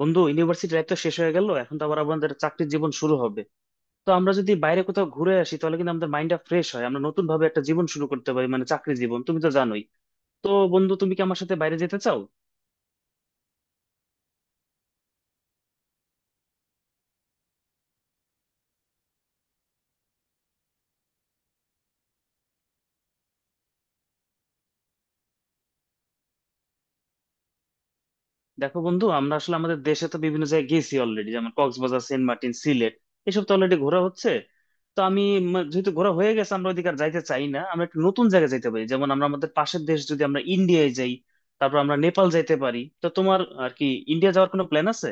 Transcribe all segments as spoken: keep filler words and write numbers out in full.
বন্ধু, university life তো শেষ হয়ে গেল। এখন তো আবার আমাদের চাকরির জীবন শুরু হবে। তো আমরা যদি বাইরে কোথাও ঘুরে আসি তাহলে কিন্তু আমাদের মাইন্ডটা ফ্রেশ হয়, আমরা নতুন ভাবে একটা জীবন শুরু করতে পারি, মানে চাকরি জীবন তুমি তো জানোই। তো বন্ধু, তুমি কি আমার সাথে বাইরে যেতে চাও? দেখো বন্ধু, আমরা আসলে আমাদের দেশে তো বিভিন্ন জায়গায় গেছি অলরেডি, যেমন কক্সবাজার, সেন্ট মার্টিন, সিলেট, এসব তো অলরেডি ঘোরা হচ্ছে। তো আমি ম- যেহেতু ঘোরা হয়ে গেছে, আমরা ওদিকে আর যাইতে চাই না। আমরা একটু নতুন জায়গায় যাইতে পারি, যেমন আমরা আমাদের পাশের দেশ, যদি আমরা ইন্ডিয়ায় যাই, তারপর আমরা নেপাল যাইতে পারি। তো তোমার আর কি ইন্ডিয়া যাওয়ার কোনো প্ল্যান আছে?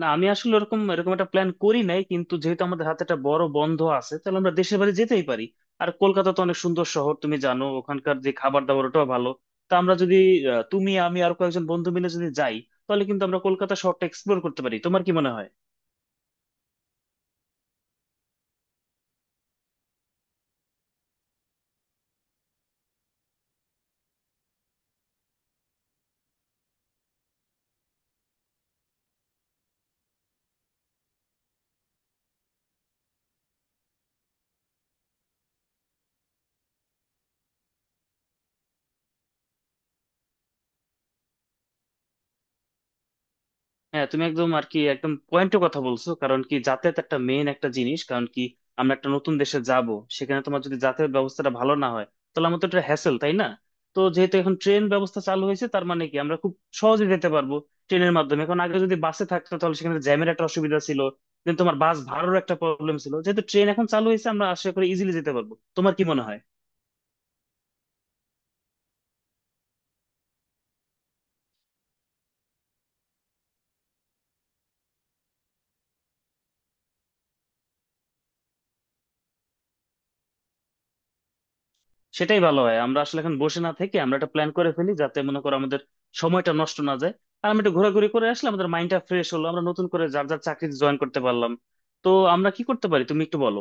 না, আমি আসলে ওরকম এরকম একটা প্ল্যান করি নাই, কিন্তু যেহেতু আমাদের হাতে একটা বড় বন্ধ আছে, তাহলে আমরা দেশের বাড়ি যেতেই পারি। আর কলকাতা তো অনেক সুন্দর শহর, তুমি জানো ওখানকার যে খাবার দাবার, ওটাও ভালো। তা আমরা যদি আহ, তুমি, আমি আর কয়েকজন বন্ধু মিলে যদি যাই, তাহলে কিন্তু আমরা কলকাতা শহরটা এক্সপ্লোর করতে পারি। তোমার কি মনে হয়? হ্যাঁ, তুমি একদম আর কি একদম পয়েন্টের কথা বলছো, কারণ কি যাতায়াত একটা মেইন একটা জিনিস। কারণ কি আমরা একটা নতুন দেশে যাব, সেখানে তোমার যদি যাতায়াত ব্যবস্থাটা ভালো না হয়, তাহলে আমাদের তো একটা হ্যাসেল, তাই না? তো যেহেতু এখন ট্রেন ব্যবস্থা চালু হয়েছে, তার মানে কি আমরা খুব সহজে যেতে পারবো ট্রেনের মাধ্যমে। এখন আগে যদি বাসে থাকতো তাহলে সেখানে জ্যামের একটা অসুবিধা ছিল, দেন তোমার বাস ভাড়ারও একটা প্রবলেম ছিল। যেহেতু ট্রেন এখন চালু হয়েছে, আমরা আশা করি ইজিলি যেতে পারবো। তোমার কি মনে হয়? সেটাই ভালো হয়। আমরা আসলে এখন বসে না থেকে আমরা একটা প্ল্যান করে ফেলি, যাতে মনে করো আমাদের সময়টা নষ্ট না যায়। আর আমরা একটু ঘোরাঘুরি করে আসলে আমাদের মাইন্ডটা ফ্রেশ হলো, আমরা নতুন করে যার যার চাকরিতে জয়েন করতে পারলাম। তো আমরা কি করতে পারি, তুমি একটু বলো।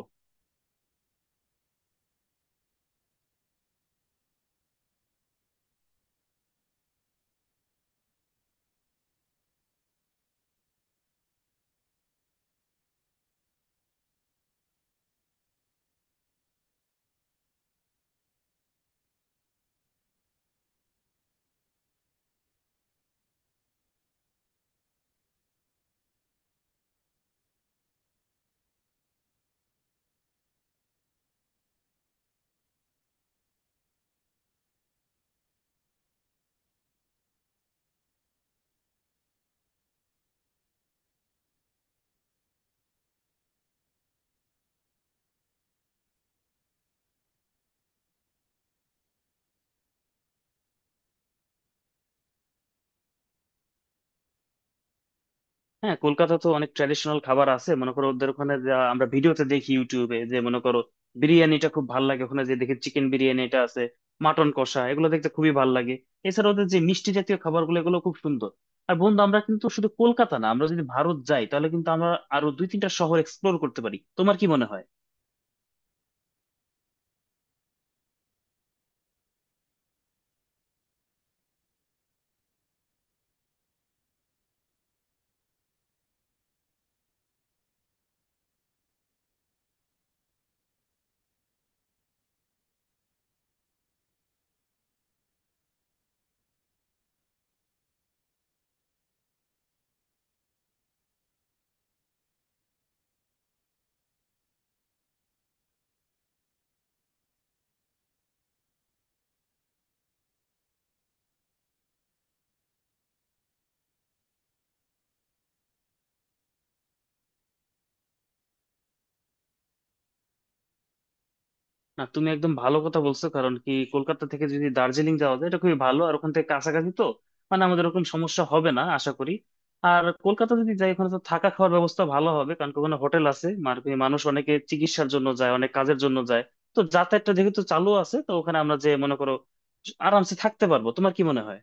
হ্যাঁ, কলকাতা তো অনেক ট্র্যাডিশনাল খাবার আছে। মনে করো ওদের ওখানে, যা আমরা ভিডিওতে দেখি ইউটিউবে, যে মনে করো বিরিয়ানিটা খুব ভাল লাগে ওখানে, যে দেখি চিকেন বিরিয়ানি এটা আছে, মাটন কষা, এগুলো দেখতে খুবই ভাল লাগে। এছাড়া ওদের যে মিষ্টি জাতীয় খাবারগুলো, এগুলো খুব সুন্দর। আর বন্ধু, আমরা কিন্তু শুধু কলকাতা না, আমরা যদি ভারত যাই তাহলে কিন্তু আমরা আরো দুই তিনটা শহর এক্সপ্লোর করতে পারি। তোমার কি মনে হয়? না, তুমি একদম ভালো কথা বলছো, কারণ কি কলকাতা থেকে যদি দার্জিলিং যাওয়া যায়, এটা খুবই ভালো। আর ওখান থেকে কাছাকাছি তো, মানে আমাদের ওরকম সমস্যা হবে না আশা করি। আর কলকাতা যদি যাই, ওখানে তো থাকা খাওয়ার ব্যবস্থা ভালো হবে, কারণ কি ওখানে হোটেল আছে, মানে কি মানুষ অনেকে চিকিৎসার জন্য যায়, অনেক কাজের জন্য যায়। তো যাতায়াতটা যেহেতু চালু আছে, তো ওখানে আমরা, যে মনে করো, আরামসে থাকতে পারবো। তোমার কি মনে হয়?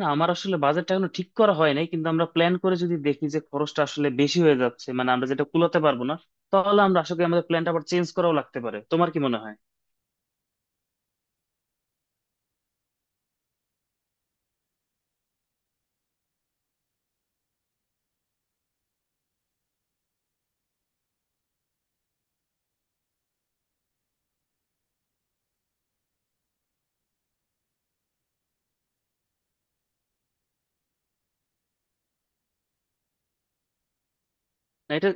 না, আমার আসলে বাজেটটা এখনো ঠিক করা হয় নাই, কিন্তু আমরা প্ল্যান করে যদি দেখি যে খরচটা আসলে বেশি হয়ে যাচ্ছে, মানে আমরা যেটা কুলাতে পারবো না, তাহলে আমরা আশা করি আমাদের প্ল্যানটা আবার চেঞ্জ করাও লাগতে পারে। তোমার কি মনে হয়? না এটা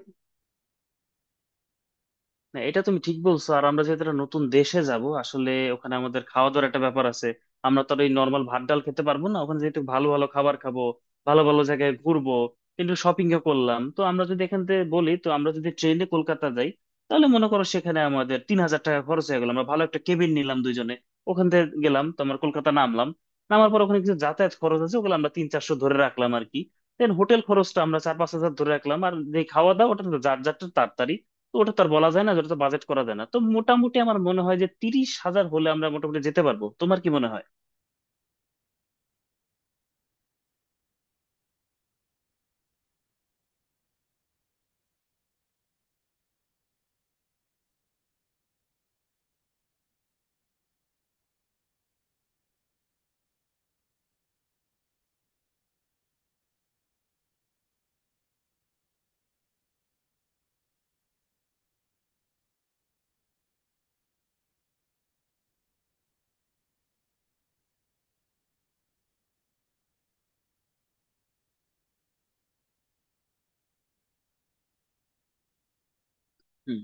না এটা তুমি ঠিক বলছো। আর আমরা যেহেতু একটা নতুন দেশে যাব, আসলে ওখানে আমাদের খাওয়া দাওয়ার একটা ব্যাপার আছে। আমরা তো আর এই নর্মাল ভাত ডাল খেতে পারবো না, ওখানে যেহেতু ভালো ভালো খাবার খাবো, ভালো ভালো জায়গায় ঘুরবো, কিন্তু শপিং ও করলাম। তো আমরা যদি এখান থেকে বলি, তো আমরা যদি ট্রেনে কলকাতা যাই, তাহলে মনে করো সেখানে আমাদের তিন হাজার টাকা খরচ হয়ে গেল, আমরা ভালো একটা কেবিন নিলাম দুইজনে। ওখান থেকে গেলাম, তো আমরা কলকাতা নামলাম। নামার পর ওখানে কিছু যাতায়াত খরচ আছে, ওগুলো আমরা তিন চারশো ধরে রাখলাম আর কি। দেন হোটেল খরচটা আমরা চার পাঁচ হাজার ধরে রাখলাম। আর যে খাওয়া দাওয়া, ওটা তো যার যারটা তার। তো ওটা তো আর বলা যায় না, ওটা তো বাজেট করা যায় না। তো মোটামুটি আমার মনে হয় যে তিরিশ হাজার হলে আমরা মোটামুটি যেতে পারবো। তোমার কি মনে হয়? হুম।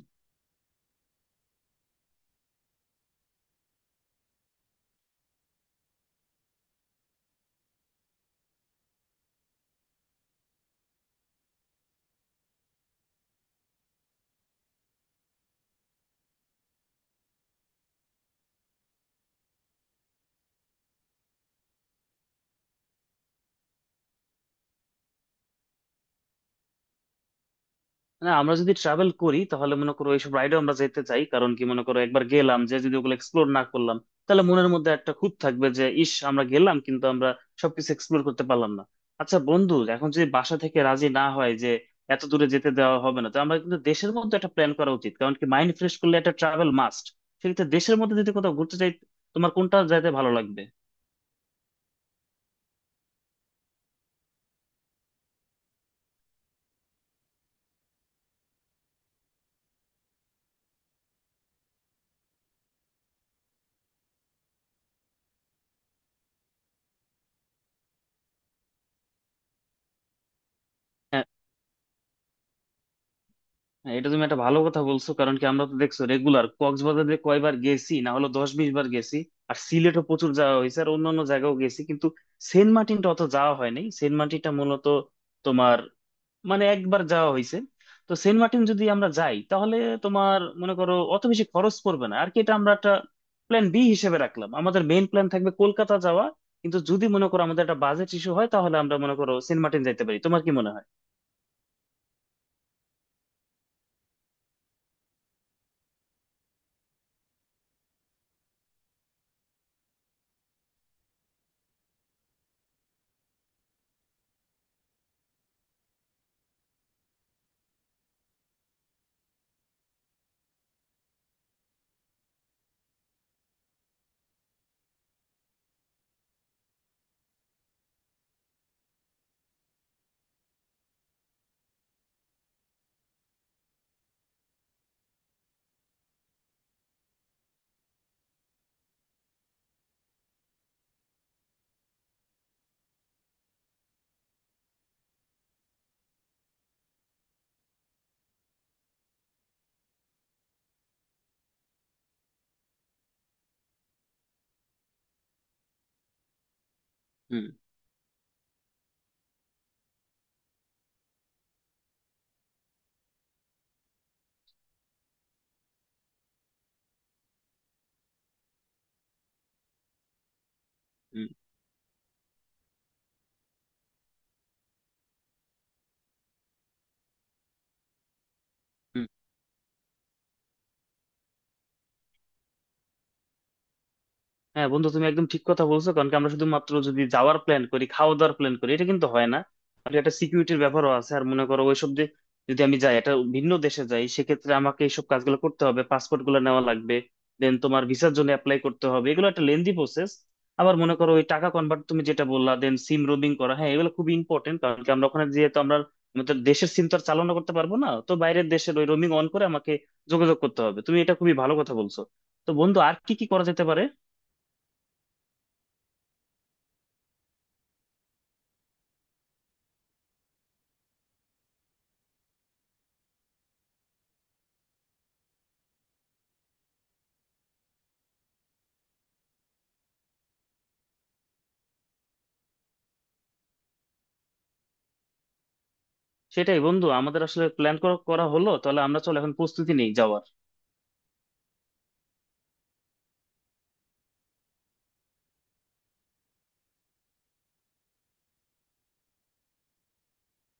না, আমরা যদি ট্রাভেল করি তাহলে মনে করো এইসব রাইডে আমরা যেতে চাই, কারণ কি মনে করো একবার গেলাম, যে যদি ওগুলো এক্সপ্লোর না করলাম, তাহলে মনের মধ্যে একটা খুঁত থাকবে যে ইস, আমরা গেলাম কিন্তু আমরা সবকিছু এক্সপ্লোর করতে পারলাম না। আচ্ছা বন্ধু, এখন যদি বাসা থেকে রাজি না হয় যে এত দূরে যেতে দেওয়া হবে না, তো আমরা কিন্তু দেশের মধ্যে একটা প্ল্যান করা উচিত, কারণ কি মাইন্ড ফ্রেশ করলে একটা ট্রাভেল মাস্ট। সেক্ষেত্রে দেশের মধ্যে যদি কোথাও ঘুরতে চাই, তোমার কোনটা যাইতে ভালো লাগবে? হ্যাঁ, এটা তুমি একটা ভালো কথা বলছো, কারণ কি আমরা তো দেখছো রেগুলার কক্সবাজারে কয়বার গেছি, না হলো দশ বিশ বার গেছি। আর সিলেটও প্রচুর যাওয়া হয়েছে, আর অন্যান্য জায়গাও গেছি, কিন্তু সেন্ট মার্টিনটা অত যাওয়া হয়নি। সেন্ট মার্টিনটা মূলত তোমার, মানে একবার যাওয়া হয়েছে। তো সেন্ট মার্টিন যদি আমরা যাই, তাহলে তোমার মনে করো অত বেশি খরচ পড়বে না আর কি। এটা আমরা একটা প্ল্যান বি হিসেবে রাখলাম, আমাদের মেইন প্ল্যান থাকবে কলকাতা যাওয়া। কিন্তু যদি মনে করো আমাদের একটা বাজেট ইস্যু হয়, তাহলে আমরা মনে করো সেন্ট মার্টিন যাইতে পারি। তোমার কি মনে হয়? হুম, হুম, হুম। হ্যাঁ বন্ধু, তুমি একদম ঠিক কথা বলছো, কারণ কি আমরা শুধুমাত্র যদি যাওয়ার প্ল্যান করি, খাওয়া দাওয়ার প্ল্যান করি, এটা কিন্তু হয় না। আর একটা সিকিউরিটির ব্যাপারও আছে। আর মনে করো ওইসব যে, যদি আমি যাই একটা ভিন্ন দেশে যাই, সেক্ষেত্রে আমাকে এইসব কাজগুলো করতে হবে, পাসপোর্ট গুলো নেওয়া লাগবে, দেন তোমার ভিসার জন্য অ্যাপ্লাই করতে হবে, এগুলো একটা লেন্দি প্রসেস। আবার মনে করো ওই টাকা কনভার্ট, তুমি যেটা বললা, দেন সিম রোমিং করা, হ্যাঁ এগুলো খুব ইম্পর্টেন্ট। কারণ কি আমরা ওখানে, যেহেতু আমরা আমাদের দেশের সিম তো আর চালনা করতে পারবো না, তো বাইরের দেশের ওই রোমিং অন করে আমাকে যোগাযোগ করতে হবে। তুমি এটা খুবই ভালো কথা বলছো। তো বন্ধু, আর কি কি করা যেতে পারে? সেটাই বন্ধু, আমাদের আসলে প্ল্যান করা করা হলো। তাহলে আমরা, চলো এখন প্রস্তুতি নেই যাওয়ার।